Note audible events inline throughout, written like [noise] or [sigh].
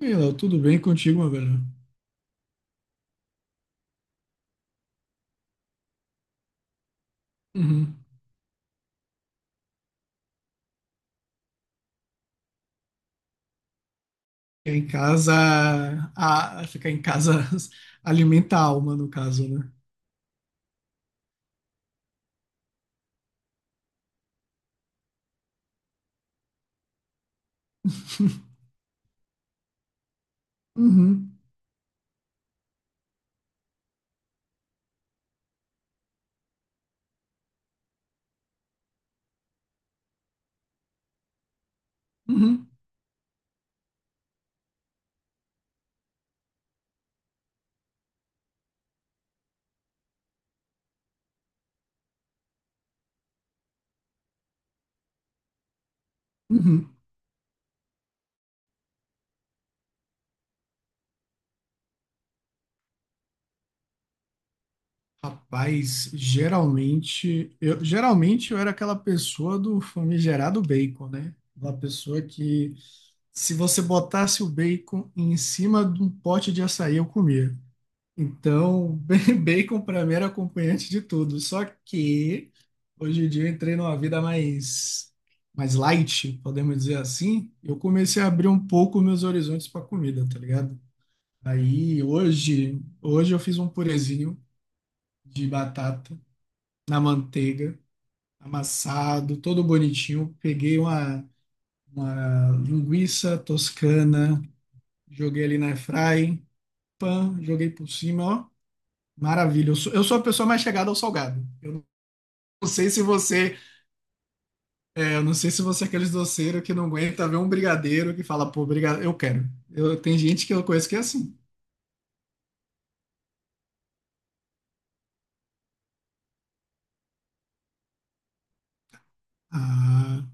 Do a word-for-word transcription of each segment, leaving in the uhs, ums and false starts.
E aí, Léo, tudo bem contigo, meu velho? Uhum. Ficar em casa, a, ficar em casa [laughs] alimenta a alma, no caso, né? [laughs] Uhum, uhum, uhum. Rapaz, geralmente eu, geralmente eu era aquela pessoa do famigerado bacon, né? Aquela pessoa que se você botasse o bacon em cima de um pote de açaí, eu comia. Então, [laughs] bacon para mim era acompanhante de tudo. Só que hoje em dia eu entrei numa vida mais, mais light, podemos dizer assim. Eu comecei a abrir um pouco meus horizontes para comida, tá ligado? Aí hoje, hoje eu fiz um purezinho de batata na manteiga, amassado, todo bonitinho. Peguei uma, uma linguiça toscana, joguei ali na airfry, pan, joguei por cima, ó. Maravilha. Eu sou, eu sou a pessoa mais chegada ao salgado. Eu não sei se você, é, eu não sei se você é aqueles doceiros que não aguenta ver um brigadeiro que fala, pô, brigadeiro, eu quero. Eu, tem gente que eu conheço que é assim. Ah,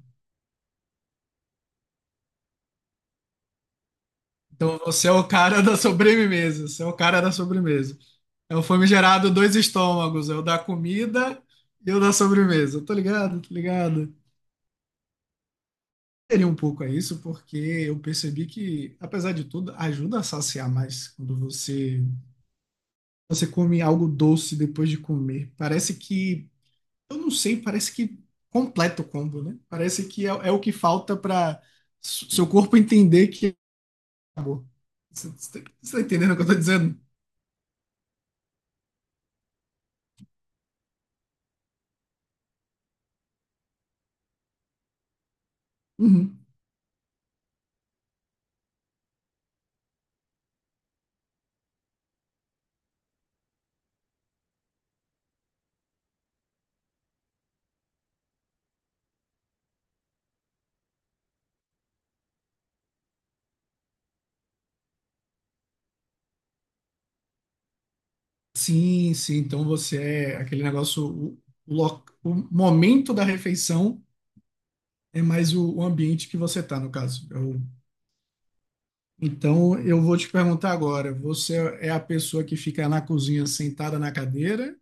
então você é o cara da sobremesa, você é o cara da sobremesa. É o famigerado dois estômagos, é o da comida e o da sobremesa. Tô ligado, tô ligado. Seria um pouco a isso, porque eu percebi que, apesar de tudo, ajuda a saciar mais quando você você come algo doce depois de comer. Parece que, eu não sei, parece que completa o combo, né? Parece que é, é o que falta para seu corpo entender que acabou. Você você tá você tá entendendo o que eu tô dizendo? Uhum. Sim, sim. Então você é aquele negócio, o, o lo- o momento da refeição é mais o, o ambiente que você tá, no caso. Eu- então eu vou te perguntar agora, você é a pessoa que fica na cozinha sentada na cadeira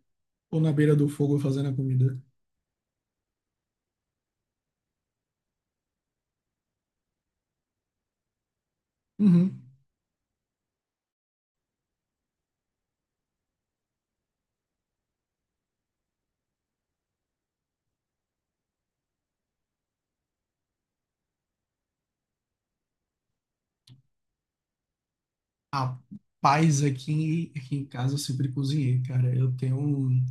ou na beira do fogo fazendo a comida? Uhum. Pais aqui, aqui em casa eu sempre cozinhei, cara. Eu tenho um,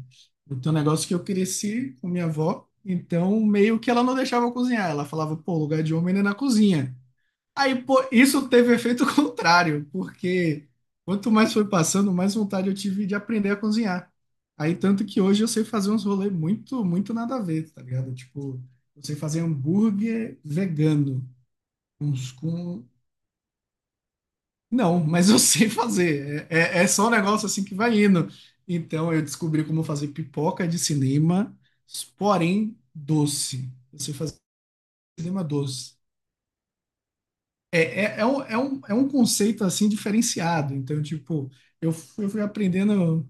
Eu tenho um negócio que eu cresci com minha avó, então meio que ela não deixava eu cozinhar. Ela falava, pô, lugar de homem não é na cozinha. Aí, pô, isso teve efeito [laughs] contrário, porque quanto mais foi passando, mais vontade eu tive de aprender a cozinhar. Aí, tanto que hoje eu sei fazer uns rolês muito, muito nada a ver, tá ligado? Tipo, eu sei fazer hambúrguer vegano, uns com Não, mas eu [laughs] sei fazer. É, é, é só um negócio assim que vai indo. Então eu descobri como fazer pipoca de cinema, porém doce. Eu sei fazer cinema doce. É, é, é um, é um, é um conceito assim diferenciado. Então, tipo, eu, fui- eu fui aprendendo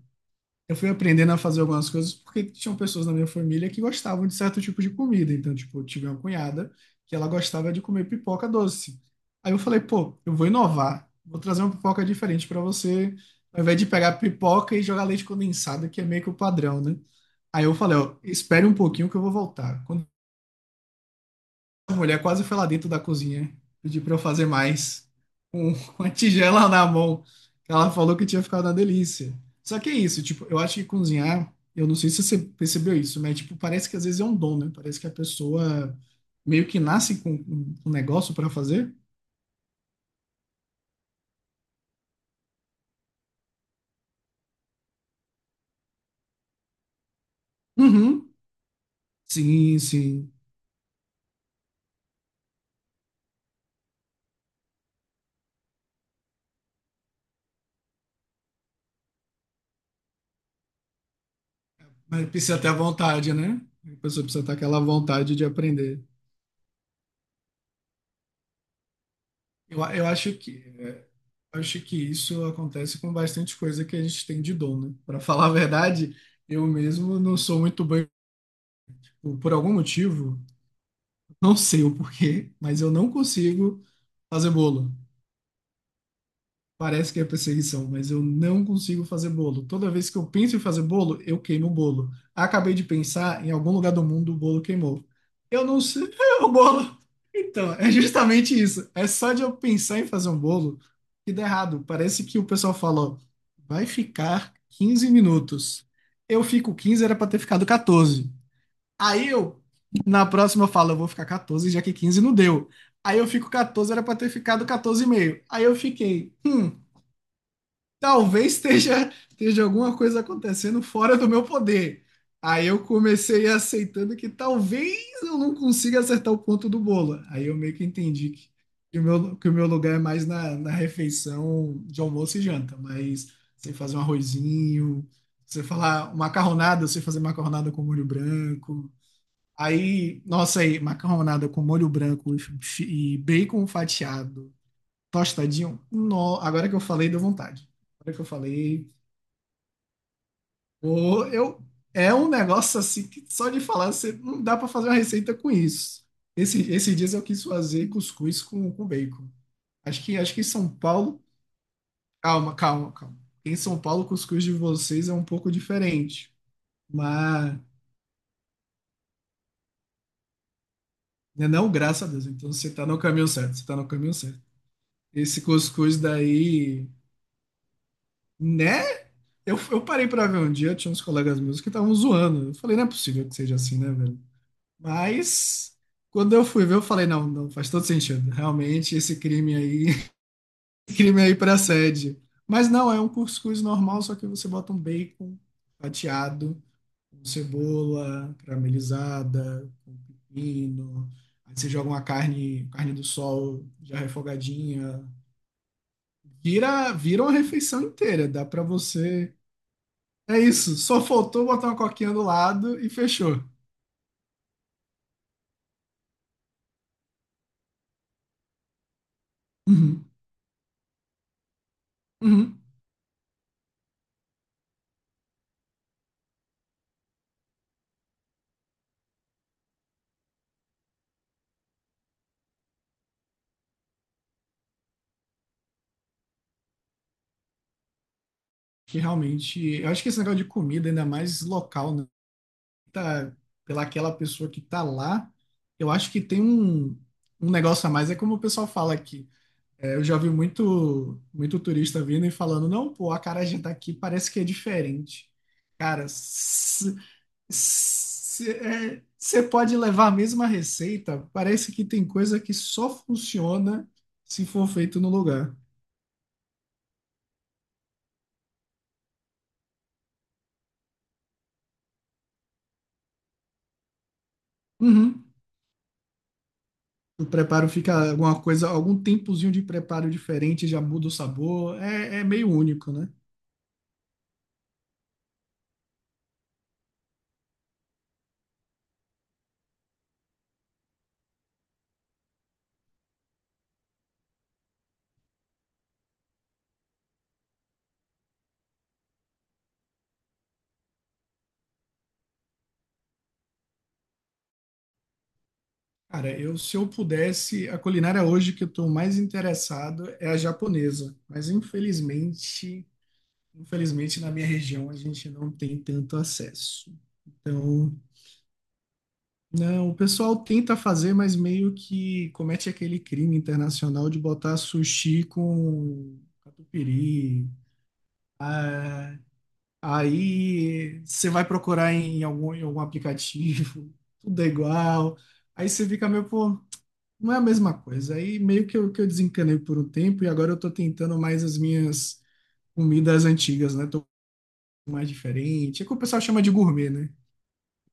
eu fui aprendendo a fazer algumas coisas porque tinham pessoas na minha família que gostavam de certo tipo de comida. Então, tipo, eu tive uma cunhada que ela gostava de comer pipoca doce. Aí eu falei, pô, eu vou inovar, vou trazer uma pipoca diferente para você, ao invés de pegar pipoca e jogar leite condensado, que é meio que o padrão, né? Aí eu falei, ó, espere um pouquinho que eu vou voltar. Quando a mulher quase foi lá dentro da cozinha pedir para eu fazer mais, com [laughs] uma tigela na mão. Ela falou que tinha ficado uma delícia. Só que é isso, tipo, eu acho que cozinhar, eu não sei se você percebeu isso, mas tipo, parece que às vezes é um dom, né? Parece que a pessoa meio que nasce com um um negócio para fazer. Uhum. Sim, sim. Mas precisa ter a vontade, né? A pessoa precisa ter aquela vontade de aprender. Eu, a- eu acho que é, acho que isso acontece com bastante coisa que a gente tem de dom, né? Para falar a verdade, eu mesmo não sou muito bem por por algum motivo, não sei o porquê, mas eu não consigo fazer bolo. Parece que é perseguição, mas eu não consigo fazer bolo. Toda vez que eu penso em fazer bolo, eu queimo o bolo. Acabei de pensar, em algum lugar do mundo o bolo queimou. Eu não sei, [laughs] o bolo. Então, é justamente isso. É só de eu pensar em fazer um bolo que dá errado. Parece que o pessoal fala, ó, vai ficar quinze minutos. Eu fico quinze, era pra ter ficado catorze. Aí eu, na próxima, eu falo, eu vou ficar catorze, já que quinze não deu. Aí eu fico catorze, era pra ter ficado quatorze e meio. Aí eu fiquei, hum, talvez esteja, esteja alguma coisa acontecendo fora do meu poder. Aí eu comecei aceitando que talvez eu não consiga acertar o ponto do bolo. Aí eu meio que entendi que, que o meu, que o meu lugar é mais na, na refeição de almoço e janta, mas você fazer um arrozinho, você falar macarronada, você fazer macarronada com molho branco. Aí, nossa, aí, macarronada com molho branco e bacon fatiado Tostadinho, no, agora que eu falei, deu vontade. Agora que eu falei, pô, eu, é um negócio assim que só de falar, você não dá para fazer uma receita com isso. Esse, esses dias eu quis fazer cuscuz com, com bacon. Acho que, acho que em São Paulo. Calma, calma, calma. Em São Paulo, o cuscuz de vocês é um pouco diferente. Mas, né, não, graças a Deus. Então você tá no caminho certo, você tá no caminho certo. Esse cuscuz daí, né? Eu, eu parei pra ver um dia, tinha uns colegas meus que estavam zoando. Eu falei, não é possível que seja assim, né, velho? Mas quando eu fui ver, eu falei, não, não, faz todo sentido. Realmente, esse crime aí, [laughs] esse crime aí pra sede. Mas não, é um cuscuz normal, só que você bota um bacon fatiado, com cebola caramelizada, com pepino. Aí você joga uma carne, carne do sol já refogadinha. Vira, vira uma refeição inteira. Dá pra você É isso, só faltou botar uma coquinha do lado e fechou. Uhum, uhum. Que realmente, eu acho que esse negócio de comida, ainda mais local, né? Tá, pela aquela pessoa que tá lá, eu acho que tem um, um negócio a mais. É como o pessoal fala aqui. É, eu já vi muito, muito turista vindo e falando, não, pô, a acarajé daqui parece que é diferente. Cara, você pode levar a mesma receita, parece que tem coisa que só funciona se for feito no lugar. Uhum. O preparo fica alguma coisa, algum tempozinho de preparo diferente, já muda o sabor, é, é meio único, né? Cara, eu se eu pudesse, a culinária hoje que eu estou mais interessado é a japonesa, mas infelizmente, infelizmente na minha região a gente não tem tanto acesso. Então, não, o pessoal tenta fazer, mas meio que comete aquele crime internacional de botar sushi com catupiry. Aí você vai procurar em algum, em algum aplicativo, [laughs] tudo é igual. Aí você fica meio, pô, não é a mesma coisa. Aí meio que eu, que eu desencanei por um tempo e agora eu tô tentando mais as minhas comidas antigas, né? Tô mais diferente. É que o pessoal chama de gourmet, né?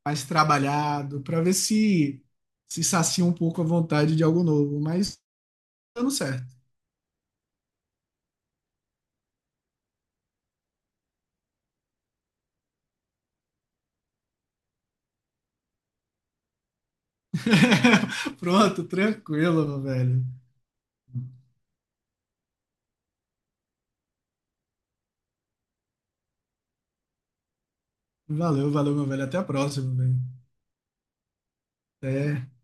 Mais trabalhado, pra ver se se sacia um pouco a vontade de algo novo. Mas dando certo. [laughs] Pronto, tranquilo, meu velho. Valeu, valeu, meu velho. Até a próxima, velho. Até.